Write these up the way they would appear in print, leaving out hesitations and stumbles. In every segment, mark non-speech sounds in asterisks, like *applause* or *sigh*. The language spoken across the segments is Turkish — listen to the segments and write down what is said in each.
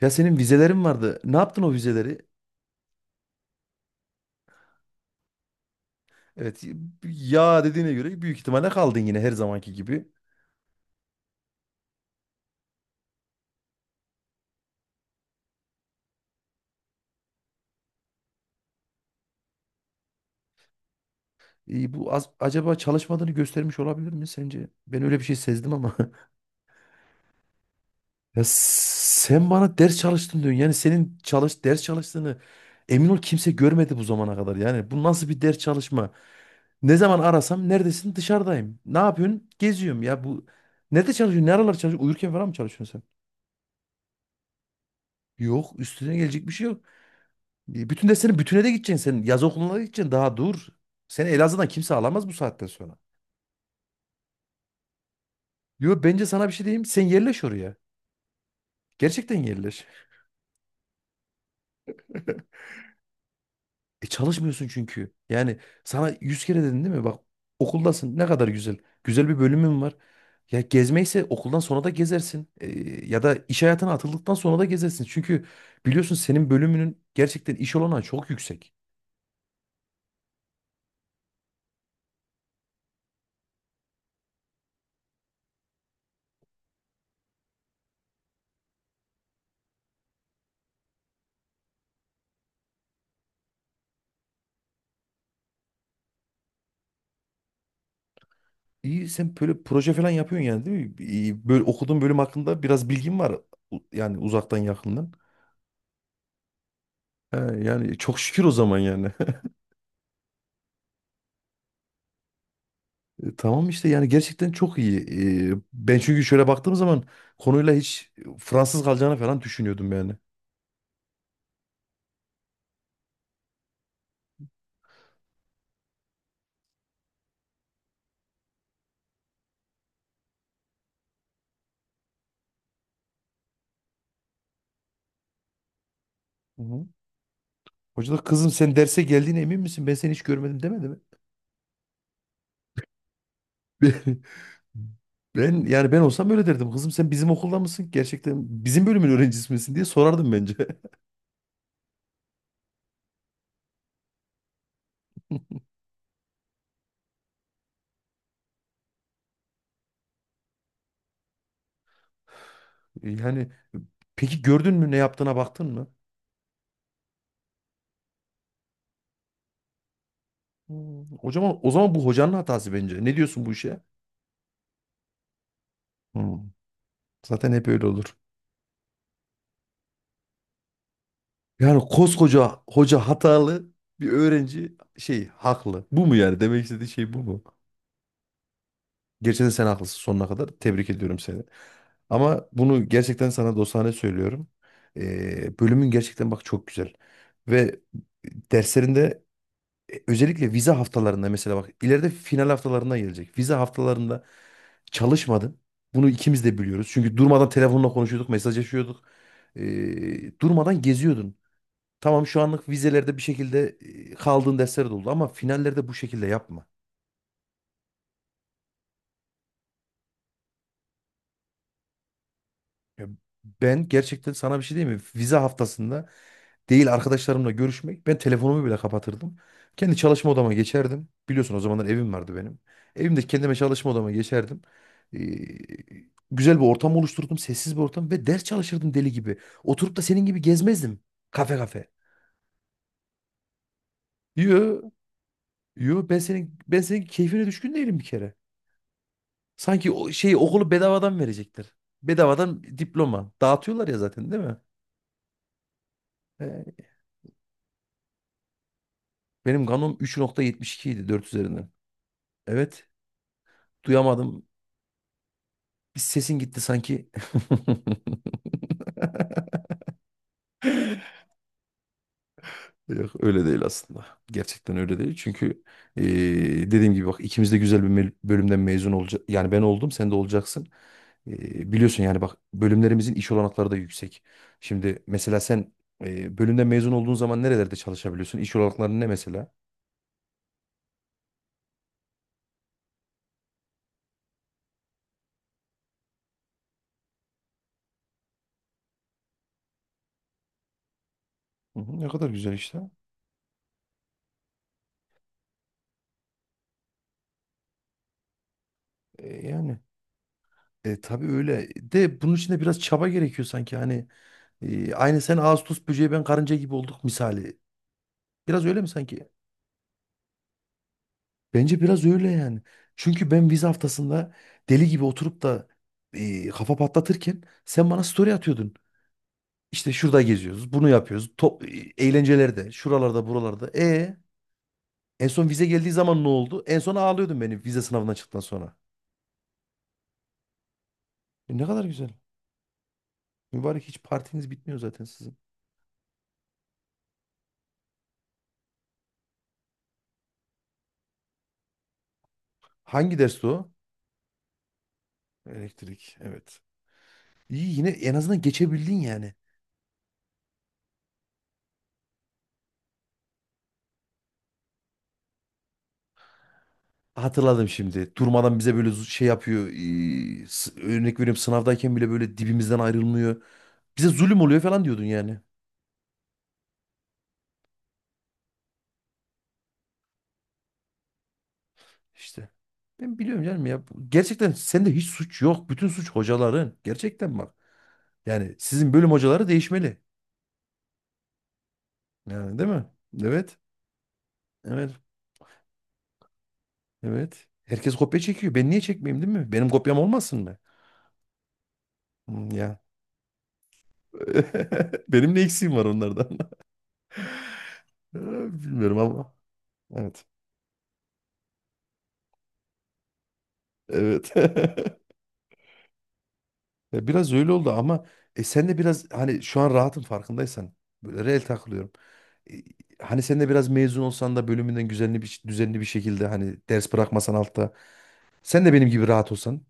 Ya senin vizelerin vardı. Ne yaptın o vizeleri? Evet, ya dediğine göre büyük ihtimalle kaldın yine her zamanki gibi. Bu az, acaba çalışmadığını göstermiş olabilir mi sence? Ben öyle bir şey sezdim ama. *laughs* Ya sen bana ders çalıştın diyorsun. Yani senin ders çalıştığını emin ol kimse görmedi bu zamana kadar. Yani bu nasıl bir ders çalışma? Ne zaman arasam neredesin? Dışarıdayım. Ne yapıyorsun? Geziyorum ya bu. Nerede çalışıyorsun? Ne aralar çalışıyorsun? Uyurken falan mı çalışıyorsun sen? Yok üstüne gelecek bir şey yok. Bütün derslerin bütüne de gideceksin sen. Yaz okuluna da gideceksin. Daha dur. Seni Elazığ'dan kimse alamaz bu saatten sonra. Yo, bence sana bir şey diyeyim. Sen yerleş oraya. Gerçekten yerleş. *laughs* Çalışmıyorsun çünkü. Yani sana yüz kere dedin değil mi? Bak, okuldasın ne kadar güzel. Güzel bir bölümün var. Ya gezmeyse okuldan sonra da gezersin. Ya da iş hayatına atıldıktan sonra da gezersin. Çünkü biliyorsun senin bölümünün gerçekten iş olanağı çok yüksek. İyi, sen böyle proje falan yapıyorsun yani değil mi? İyi, böyle okuduğun bölüm hakkında biraz bilgin var. Yani uzaktan yakından. He, yani çok şükür o zaman yani. Tamam işte, yani gerçekten çok iyi. Ben çünkü şöyle baktığım zaman konuyla hiç Fransız kalacağını falan düşünüyordum yani. Hı hı. Hoca da kızım sen derse geldiğine emin misin? Ben seni hiç görmedim demedi mi? *laughs* Ben yani ben olsam öyle derdim. Kızım sen bizim okulda mısın? Gerçekten bizim bölümün öğrencisi misin diye sorardım bence. *laughs* Yani peki, gördün mü, ne yaptığına baktın mı? Hmm. O zaman, bu hocanın hatası bence. Ne diyorsun bu işe? Hmm. Zaten hep öyle olur. Yani koskoca hoca hatalı, bir öğrenci şey haklı. Bu mu yani demek istediği, şey bu mu? Gerçekten sen haklısın sonuna kadar. Tebrik ediyorum seni. Ama bunu gerçekten sana dostane söylüyorum. Bölümün gerçekten bak çok güzel. Ve derslerinde özellikle vize haftalarında, mesela bak, ileride final haftalarına gelecek. Vize haftalarında çalışmadın. Bunu ikimiz de biliyoruz. Çünkü durmadan telefonla konuşuyorduk, mesajlaşıyorduk. Durmadan geziyordun. Tamam, şu anlık vizelerde bir şekilde kaldığın dersler de oldu ama finallerde bu şekilde yapma. Ya ben gerçekten sana bir şey diyeyim mi? Vize haftasında değil arkadaşlarımla görüşmek, ben telefonumu bile kapatırdım. Kendi çalışma odama geçerdim. Biliyorsun o zamanlar evim vardı benim. Evimde kendime çalışma odama geçerdim. Ee, Güzel bir ortam oluşturdum. Sessiz bir ortam ve ders çalışırdım deli gibi. Oturup da senin gibi gezmezdim. Kafe kafe. Yo, yo, ben senin keyfine düşkün değilim bir kere. Sanki o şeyi, okulu bedavadan verecekler. Bedavadan diploma. Dağıtıyorlar ya zaten değil mi? Ee, Benim kanom 3,72 idi, 4 üzerinden. Evet. Duyamadım. Bir sesin gitti sanki. *laughs* Yok öyle değil aslında. Gerçekten öyle değil. Çünkü dediğim gibi bak, ikimiz de güzel bir bölümden mezun olacak. Yani ben oldum, sen de olacaksın. Biliyorsun yani bak, bölümlerimizin iş olanakları da yüksek. Şimdi mesela sen bölümden mezun olduğun zaman nerelerde çalışabiliyorsun? İş olanakları ne mesela? Hı hı, ne kadar güzel işte. Yani tabii öyle. De bunun için de biraz çaba gerekiyor sanki. Hani aynı sen ağustos böceği, ben karınca gibi olduk misali. Biraz öyle mi sanki? Bence biraz öyle yani. Çünkü ben vize haftasında deli gibi oturup da kafa patlatırken sen bana story atıyordun. İşte şurada geziyoruz, bunu yapıyoruz. Eğlencelerde, şuralarda, buralarda. En son vize geldiği zaman ne oldu? En son ağlıyordun beni, vize sınavından çıktıktan sonra. E, ne kadar güzel. Mübarek, hiç partiniz bitmiyor zaten sizin. Hangi dersti o? Elektrik, evet. İyi, yine en azından geçebildin yani. Hatırladım şimdi. Durmadan bize böyle şey yapıyor. Örnek veriyorum, sınavdayken bile böyle dibimizden ayrılmıyor. Bize zulüm oluyor falan diyordun yani. İşte. Ben biliyorum canım ya. Gerçekten sende hiç suç yok. Bütün suç hocaların. Gerçekten bak. Yani sizin bölüm hocaları değişmeli. Yani değil mi? Evet. Evet. Evet. Herkes kopya çekiyor. Ben niye çekmeyeyim değil mi? Benim kopyam olmasın mı? Hmm, ya. *laughs* Benim ne eksiğim var onlardan? *laughs* Bilmiyorum ama. Evet. Evet. *laughs* Ya biraz öyle oldu ama sen de biraz hani şu an rahatın farkındaysan, böyle reel takılıyorum. E, hani sen de biraz mezun olsan da bölümünden, düzenli bir şekilde hani ders bırakmasan altta, sen de benim gibi rahat olsan,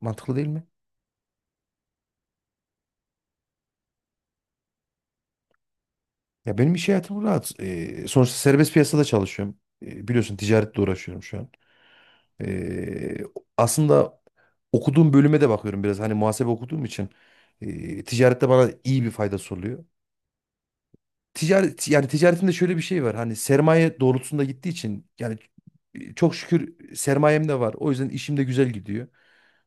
mantıklı değil mi? Ya benim iş hayatım rahat. Sonuçta serbest piyasada çalışıyorum. Biliyorsun ticaretle uğraşıyorum şu an. E, aslında okuduğum bölüme de bakıyorum biraz, hani muhasebe okuduğum için ticarette bana iyi bir faydası oluyor. Yani ticaretimde şöyle bir şey var. Hani sermaye doğrultusunda gittiği için yani çok şükür sermayem de var. O yüzden işim de güzel gidiyor.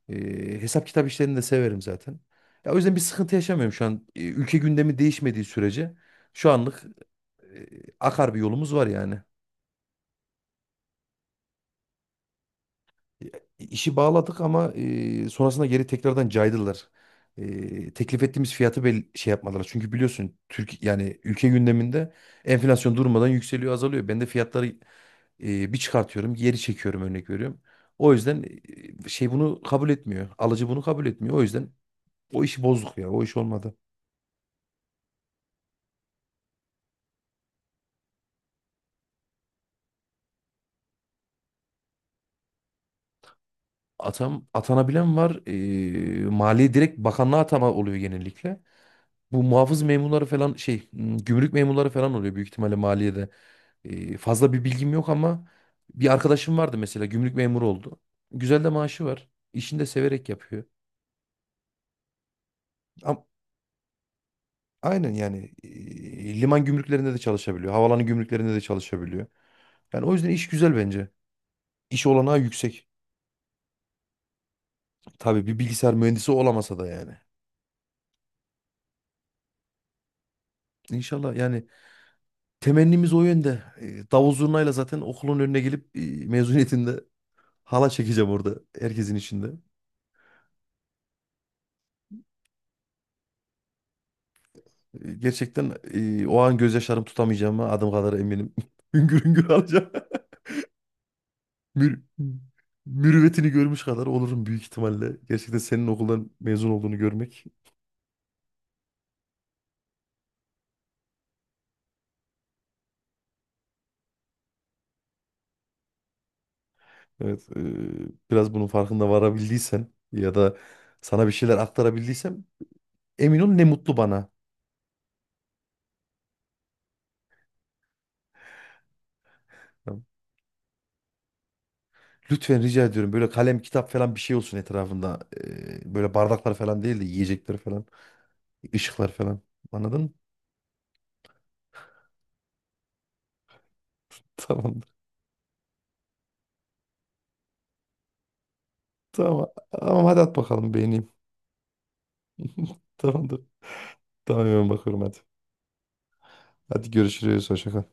Hesap kitap işlerini de severim zaten. Ya o yüzden bir sıkıntı yaşamıyorum şu an. Ülke gündemi değişmediği sürece şu anlık e, akar bir yolumuz var yani. E, İşi bağladık ama sonrasında geri tekrardan caydılar. Teklif ettiğimiz fiyatı şey yapmadılar. Çünkü biliyorsun Türk, yani ülke gündeminde enflasyon durmadan yükseliyor, azalıyor. Ben de fiyatları bir çıkartıyorum, geri çekiyorum, örnek veriyorum. O yüzden bunu kabul etmiyor. Alıcı bunu kabul etmiyor. O yüzden o işi bozduk ya. O iş olmadı. Atanabilen var. Maliye direkt bakanlığa atama oluyor genellikle. Bu muhafız memurları falan gümrük memurları falan oluyor büyük ihtimalle maliyede. Fazla bir bilgim yok ama bir arkadaşım vardı mesela, gümrük memuru oldu. Güzel de maaşı var. İşini de severek yapıyor. Am- Aynen, yani liman gümrüklerinde de çalışabiliyor, havaalanı gümrüklerinde de çalışabiliyor. Yani o yüzden iş güzel bence. İş olanağı yüksek. Tabii, bir bilgisayar mühendisi olamasa da yani. İnşallah yani, temennimiz o yönde. Davul zurnayla zaten okulun önüne gelip mezuniyetinde hala çekeceğim orada, herkesin içinde. Gerçekten o an gözyaşlarım tutamayacağıma adım kadar eminim. *laughs* Hüngür hüngür alacağım. *laughs* Mür mürüvvetini görmüş kadar olurum büyük ihtimalle. Gerçekten senin okuldan mezun olduğunu görmek. Evet, biraz bunun farkında varabildiysen ya da sana bir şeyler aktarabildiysem, emin ol ne mutlu bana. Lütfen rica ediyorum, böyle kalem kitap falan bir şey olsun etrafında. Böyle bardaklar falan değil de, yiyecekler falan, ışıklar falan. Anladın mı? *laughs* Tamamdır. Tamam. Tamam, hadi at bakalım, beğeneyim. *laughs* Tamamdır. Tamam, hemen bakıyorum, hadi. Hadi görüşürüz. Hoşça kal.